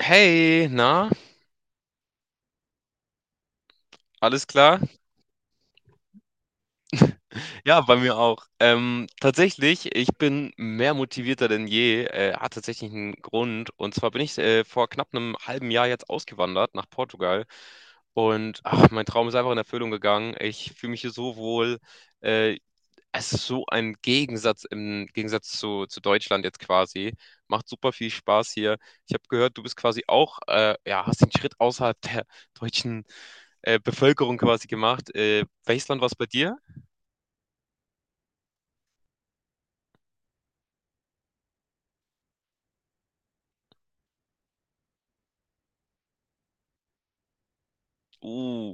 Hey, na, alles klar? Ja, bei mir auch. Tatsächlich, ich bin mehr motivierter denn je. Hat tatsächlich einen Grund. Und zwar bin ich vor knapp einem halben Jahr jetzt ausgewandert nach Portugal. Und ach, mein Traum ist einfach in Erfüllung gegangen. Ich fühle mich hier so wohl. Äh, Es ist so ein Gegensatz im Gegensatz zu Deutschland jetzt quasi. Macht super viel Spaß hier. Ich habe gehört, du bist quasi auch, ja, hast den Schritt außerhalb der deutschen Bevölkerung quasi gemacht. Welches Land war es bei dir? Uh,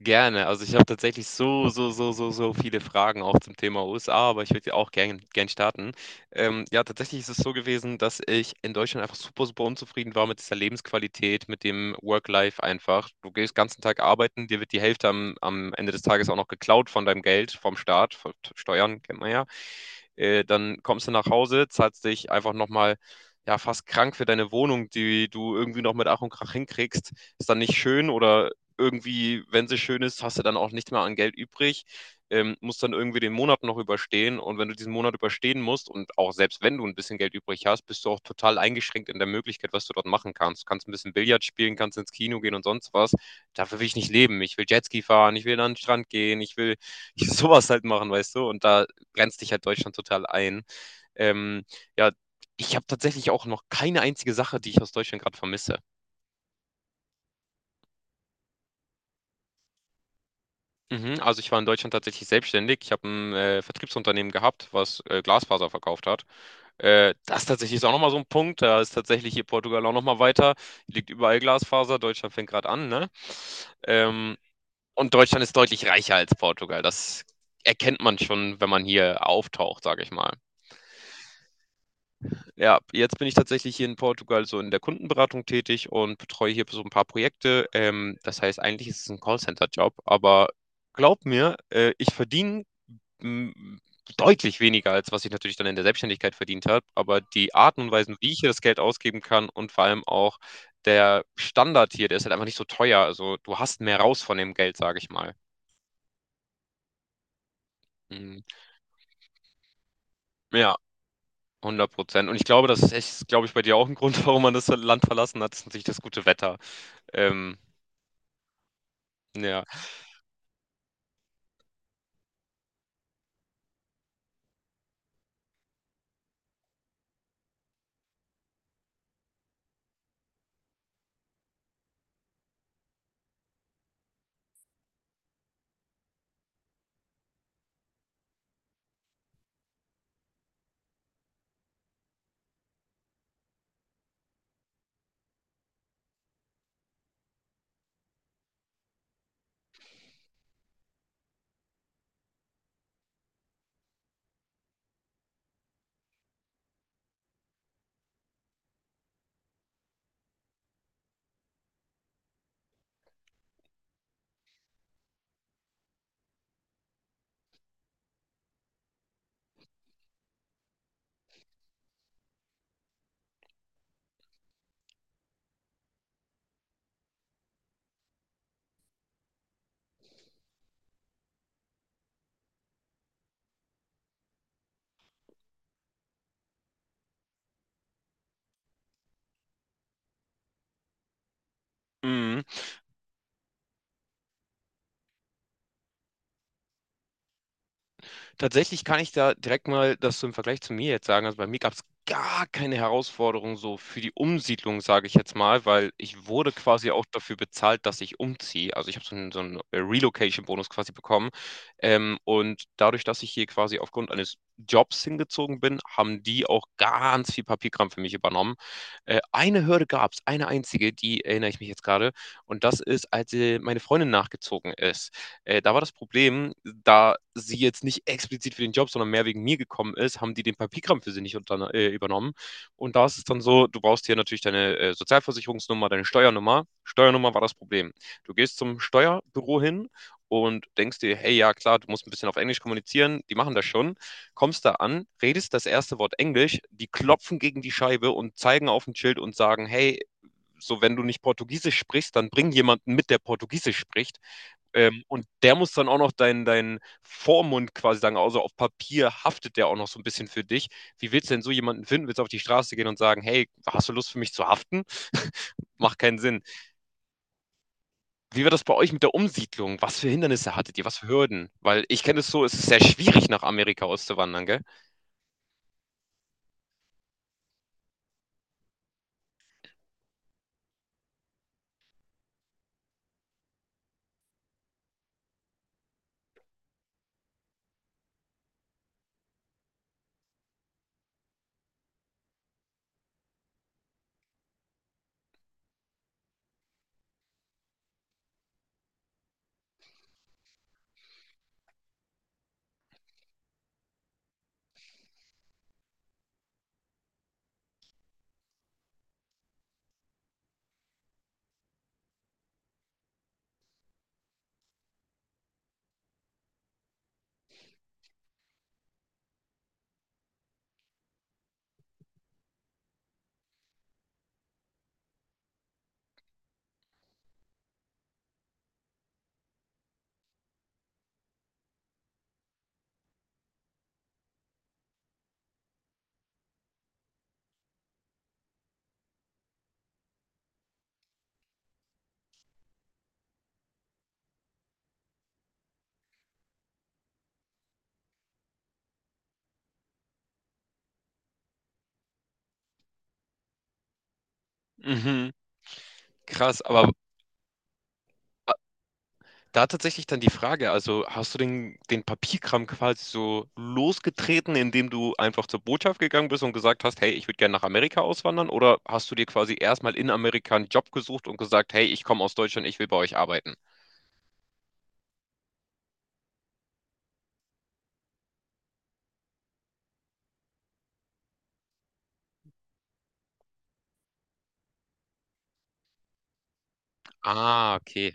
Gerne. Also ich habe tatsächlich so viele Fragen auch zum Thema USA, aber ich würde auch gern starten. Ja, tatsächlich ist es so gewesen, dass ich in Deutschland einfach super, super unzufrieden war mit dieser Lebensqualität, mit dem Work-Life einfach. Du gehst den ganzen Tag arbeiten, dir wird die Hälfte am Ende des Tages auch noch geklaut von deinem Geld, vom Staat, von Steuern, kennt man ja. Dann kommst du nach Hause, zahlst dich einfach nochmal, ja, fast krank für deine Wohnung, die du irgendwie noch mit Ach und Krach hinkriegst. Ist dann nicht schön, oder irgendwie, wenn sie schön ist, hast du dann auch nicht mehr an Geld übrig. Musst dann irgendwie den Monat noch überstehen. Und wenn du diesen Monat überstehen musst und auch selbst wenn du ein bisschen Geld übrig hast, bist du auch total eingeschränkt in der Möglichkeit, was du dort machen kannst. Du kannst ein bisschen Billard spielen, kannst ins Kino gehen und sonst was. Dafür will ich nicht leben. Ich will Jetski fahren, ich will an den Strand gehen, ich will ich will sowas halt machen, weißt du? Und da grenzt dich halt Deutschland total ein. Ähm, ja, ich habe tatsächlich auch noch keine einzige Sache, die ich aus Deutschland gerade vermisse. Mhm, also ich war in Deutschland tatsächlich selbstständig. Ich habe ein Vertriebsunternehmen gehabt, was Glasfaser verkauft hat. Das tatsächlich ist auch nochmal so ein Punkt. Da ist tatsächlich hier Portugal auch nochmal weiter. Liegt überall Glasfaser. Deutschland fängt gerade an, ne? Ähm, und Deutschland ist deutlich reicher als Portugal. Das erkennt man schon, wenn man hier auftaucht, sage ich mal. Ja, jetzt bin ich tatsächlich hier in Portugal so in der Kundenberatung tätig und betreue hier so ein paar Projekte. Das heißt, eigentlich ist es ein Callcenter-Job, aber glaub mir, ich verdiene m, deutlich weniger, als was ich natürlich dann in der Selbstständigkeit verdient habe. Aber die Arten und Weisen, wie ich hier das Geld ausgeben kann und vor allem auch der Standard hier, der ist halt einfach nicht so teuer. Also du hast mehr raus von dem Geld, sage ich mal. Mhm. Ja. 100%. Und ich glaube, das ist, echt, glaube ich, bei dir auch ein Grund, warum man das Land verlassen hat, ist natürlich das gute Wetter. Ähm, Ja, mhm. Tatsächlich kann ich da direkt mal das so im Vergleich zu mir jetzt sagen. Also bei mir gab's gar keine Herausforderung so für die Umsiedlung, sage ich jetzt mal, weil ich wurde quasi auch dafür bezahlt, dass ich umziehe. Also ich habe so 'n Relocation-Bonus quasi bekommen. Und dadurch, dass ich hier quasi aufgrund eines Jobs hingezogen bin, haben die auch ganz viel Papierkram für mich übernommen. Eine Hürde gab's, eine einzige, die erinnere ich mich jetzt gerade, und das ist, als meine Freundin nachgezogen ist. Da war das Problem, da sie jetzt nicht explizit für den Job, sondern mehr wegen mir gekommen ist, haben die den Papierkram für sie nicht übernommen. Und da ist es dann so, du brauchst hier natürlich deine Sozialversicherungsnummer, deine Steuernummer. Steuernummer war das Problem. Du gehst zum Steuerbüro hin und denkst dir, hey, ja klar, du musst ein bisschen auf Englisch kommunizieren, die machen das schon. Kommst da an, redest das erste Wort Englisch, die klopfen gegen die Scheibe und zeigen auf ein Schild und sagen, hey, so, wenn du nicht Portugiesisch sprichst, dann bring jemanden mit, der Portugiesisch spricht. Und der muss dann auch noch dein Vormund quasi sagen, also auf Papier haftet der auch noch so ein bisschen für dich. Wie willst du denn so jemanden finden? Willst du auf die Straße gehen und sagen, hey, hast du Lust für mich zu haften? Macht keinen Sinn. Wie war das bei euch mit der Umsiedlung? Was für Hindernisse hattet ihr? Was für Hürden? Weil ich kenne es so, es ist sehr schwierig, nach Amerika auszuwandern, gell? Mhm, krass, aber da tatsächlich dann die Frage, also hast du den Papierkram quasi so losgetreten, indem du einfach zur Botschaft gegangen bist und gesagt hast, hey, ich würde gerne nach Amerika auswandern? Oder hast du dir quasi erstmal in Amerika einen Job gesucht und gesagt, hey, ich komme aus Deutschland, ich will bei euch arbeiten? Ah, okay.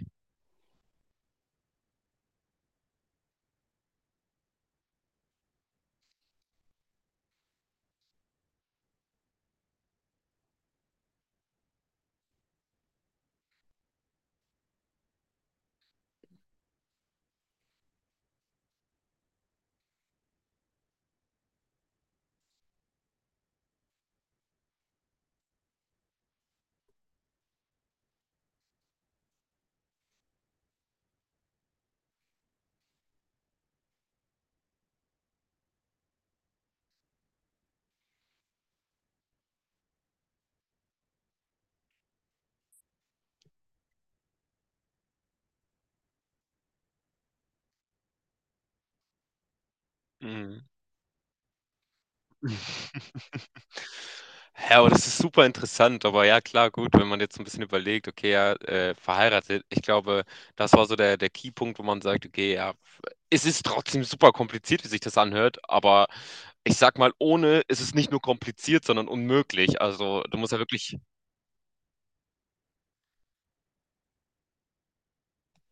Ja, aber das ist super interessant. Aber ja, klar, gut, wenn man jetzt ein bisschen überlegt, okay, ja, verheiratet, ich glaube, das war so der Keypunkt, wo man sagt, okay, ja, es ist trotzdem super kompliziert, wie sich das anhört, aber ich sag mal, ohne ist es nicht nur kompliziert, sondern unmöglich. Also, du musst ja wirklich.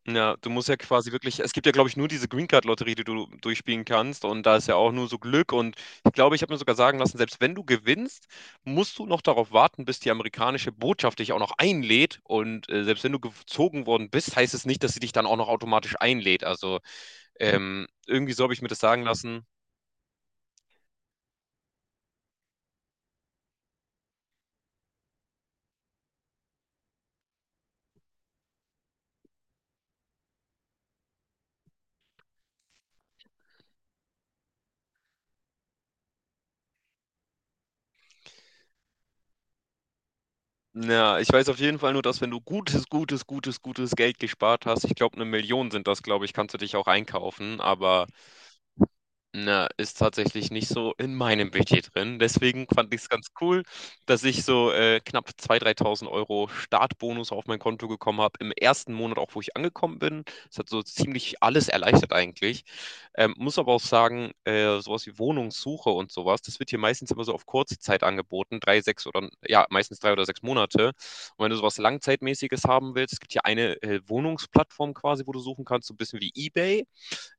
Ja, du musst ja quasi wirklich, es gibt ja, glaube ich, nur diese Green Card Lotterie, die du durchspielen kannst, und da ist ja auch nur so Glück, und ich glaube, ich habe mir sogar sagen lassen, selbst wenn du gewinnst, musst du noch darauf warten, bis die amerikanische Botschaft dich auch noch einlädt, und selbst wenn du gezogen worden bist, heißt es nicht, dass sie dich dann auch noch automatisch einlädt. Also, irgendwie so habe ich mir das sagen lassen. Ja, ich weiß auf jeden Fall nur, dass, wenn du gutes, gutes, gutes, gutes Geld gespart hast, ich glaube, 1.000.000 sind das, glaube ich, kannst du dich auch einkaufen, aber na, ist tatsächlich nicht so in meinem Budget drin. Deswegen fand ich es ganz cool, dass ich so knapp 3000 Euro Startbonus auf mein Konto gekommen habe. Im ersten Monat auch, wo ich angekommen bin. Es hat so ziemlich alles erleichtert eigentlich. Muss aber auch sagen, sowas wie Wohnungssuche und sowas, das wird hier meistens immer so auf kurze Zeit angeboten. Drei, sechs oder, ja, meistens 3 oder 6 Monate. Und wenn du sowas Langzeitmäßiges haben willst, es gibt hier eine Wohnungsplattform quasi, wo du suchen kannst, so ein bisschen wie eBay.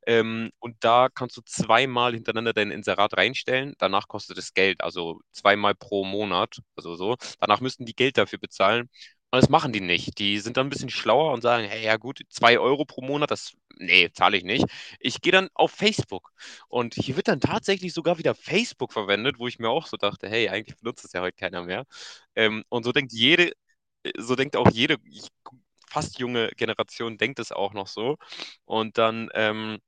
Und da kannst du zweimal hintereinander dein Inserat reinstellen. Danach kostet es Geld, also zweimal pro Monat, also so. Danach müssten die Geld dafür bezahlen. Und das machen die nicht. Die sind dann ein bisschen schlauer und sagen, hey, ja gut, 2 Euro pro Monat, das, nee, zahle ich nicht. Ich gehe dann auf Facebook. Und hier wird dann tatsächlich sogar wieder Facebook verwendet, wo ich mir auch so dachte, hey, eigentlich benutzt es ja heute keiner mehr. Und so denkt auch jede fast junge Generation denkt es auch noch so. Und dann,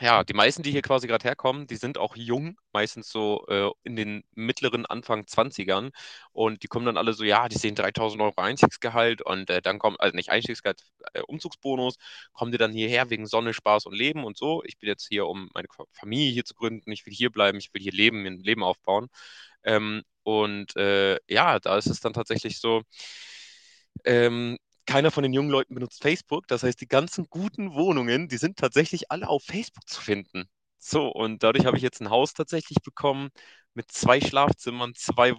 ja, die meisten, die hier quasi gerade herkommen, die sind auch jung, meistens so in den mittleren Anfang Zwanzigern. Und die kommen dann alle so, ja, die sehen 3000 Euro Einstiegsgehalt und dann kommen, also nicht Einstiegsgehalt, Umzugsbonus, kommen die dann hierher wegen Sonne, Spaß und Leben und so. Ich bin jetzt hier, um meine Familie hier zu gründen, ich will hier bleiben, ich will hier leben, mir ein Leben aufbauen. Und ja, da ist es dann tatsächlich so, ähm, keiner von den jungen Leuten benutzt Facebook. Das heißt, die ganzen guten Wohnungen, die sind tatsächlich alle auf Facebook zu finden. So, und dadurch habe ich jetzt ein Haus tatsächlich bekommen mit zwei Schlafzimmern, zwei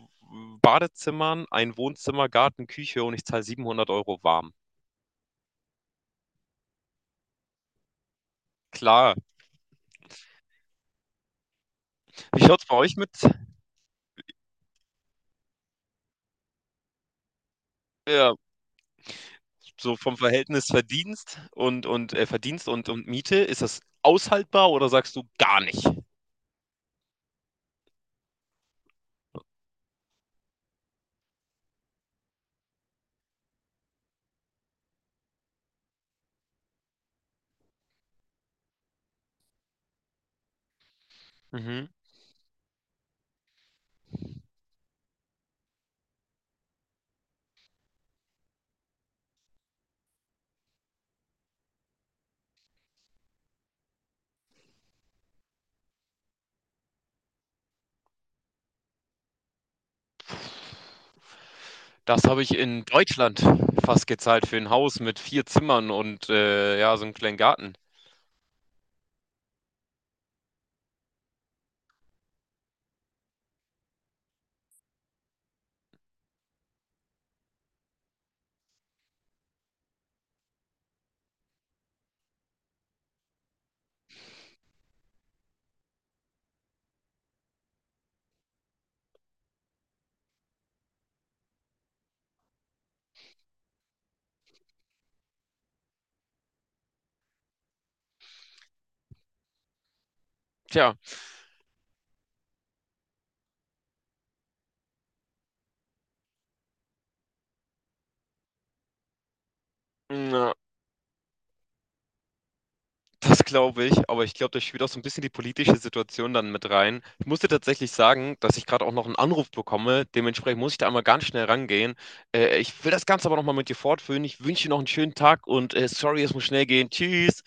Badezimmern, ein Wohnzimmer, Garten, Küche, und ich zahle 700 Euro warm. Klar. Wie schaut es bei euch mit? Ja, so vom Verhältnis Verdienst und Miete, ist das aushaltbar oder sagst du gar nicht? Mhm. Das habe ich in Deutschland fast gezahlt für ein Haus mit 4 Zimmern und, ja, so einen kleinen Garten. Tja, na, das glaube ich, aber ich glaube, da spielt auch so ein bisschen die politische Situation dann mit rein. Ich musste tatsächlich sagen, dass ich gerade auch noch einen Anruf bekomme. Dementsprechend muss ich da einmal ganz schnell rangehen. Ich will das Ganze aber noch mal mit dir fortführen. Ich wünsche dir noch einen schönen Tag und, sorry, es muss schnell gehen. Tschüss.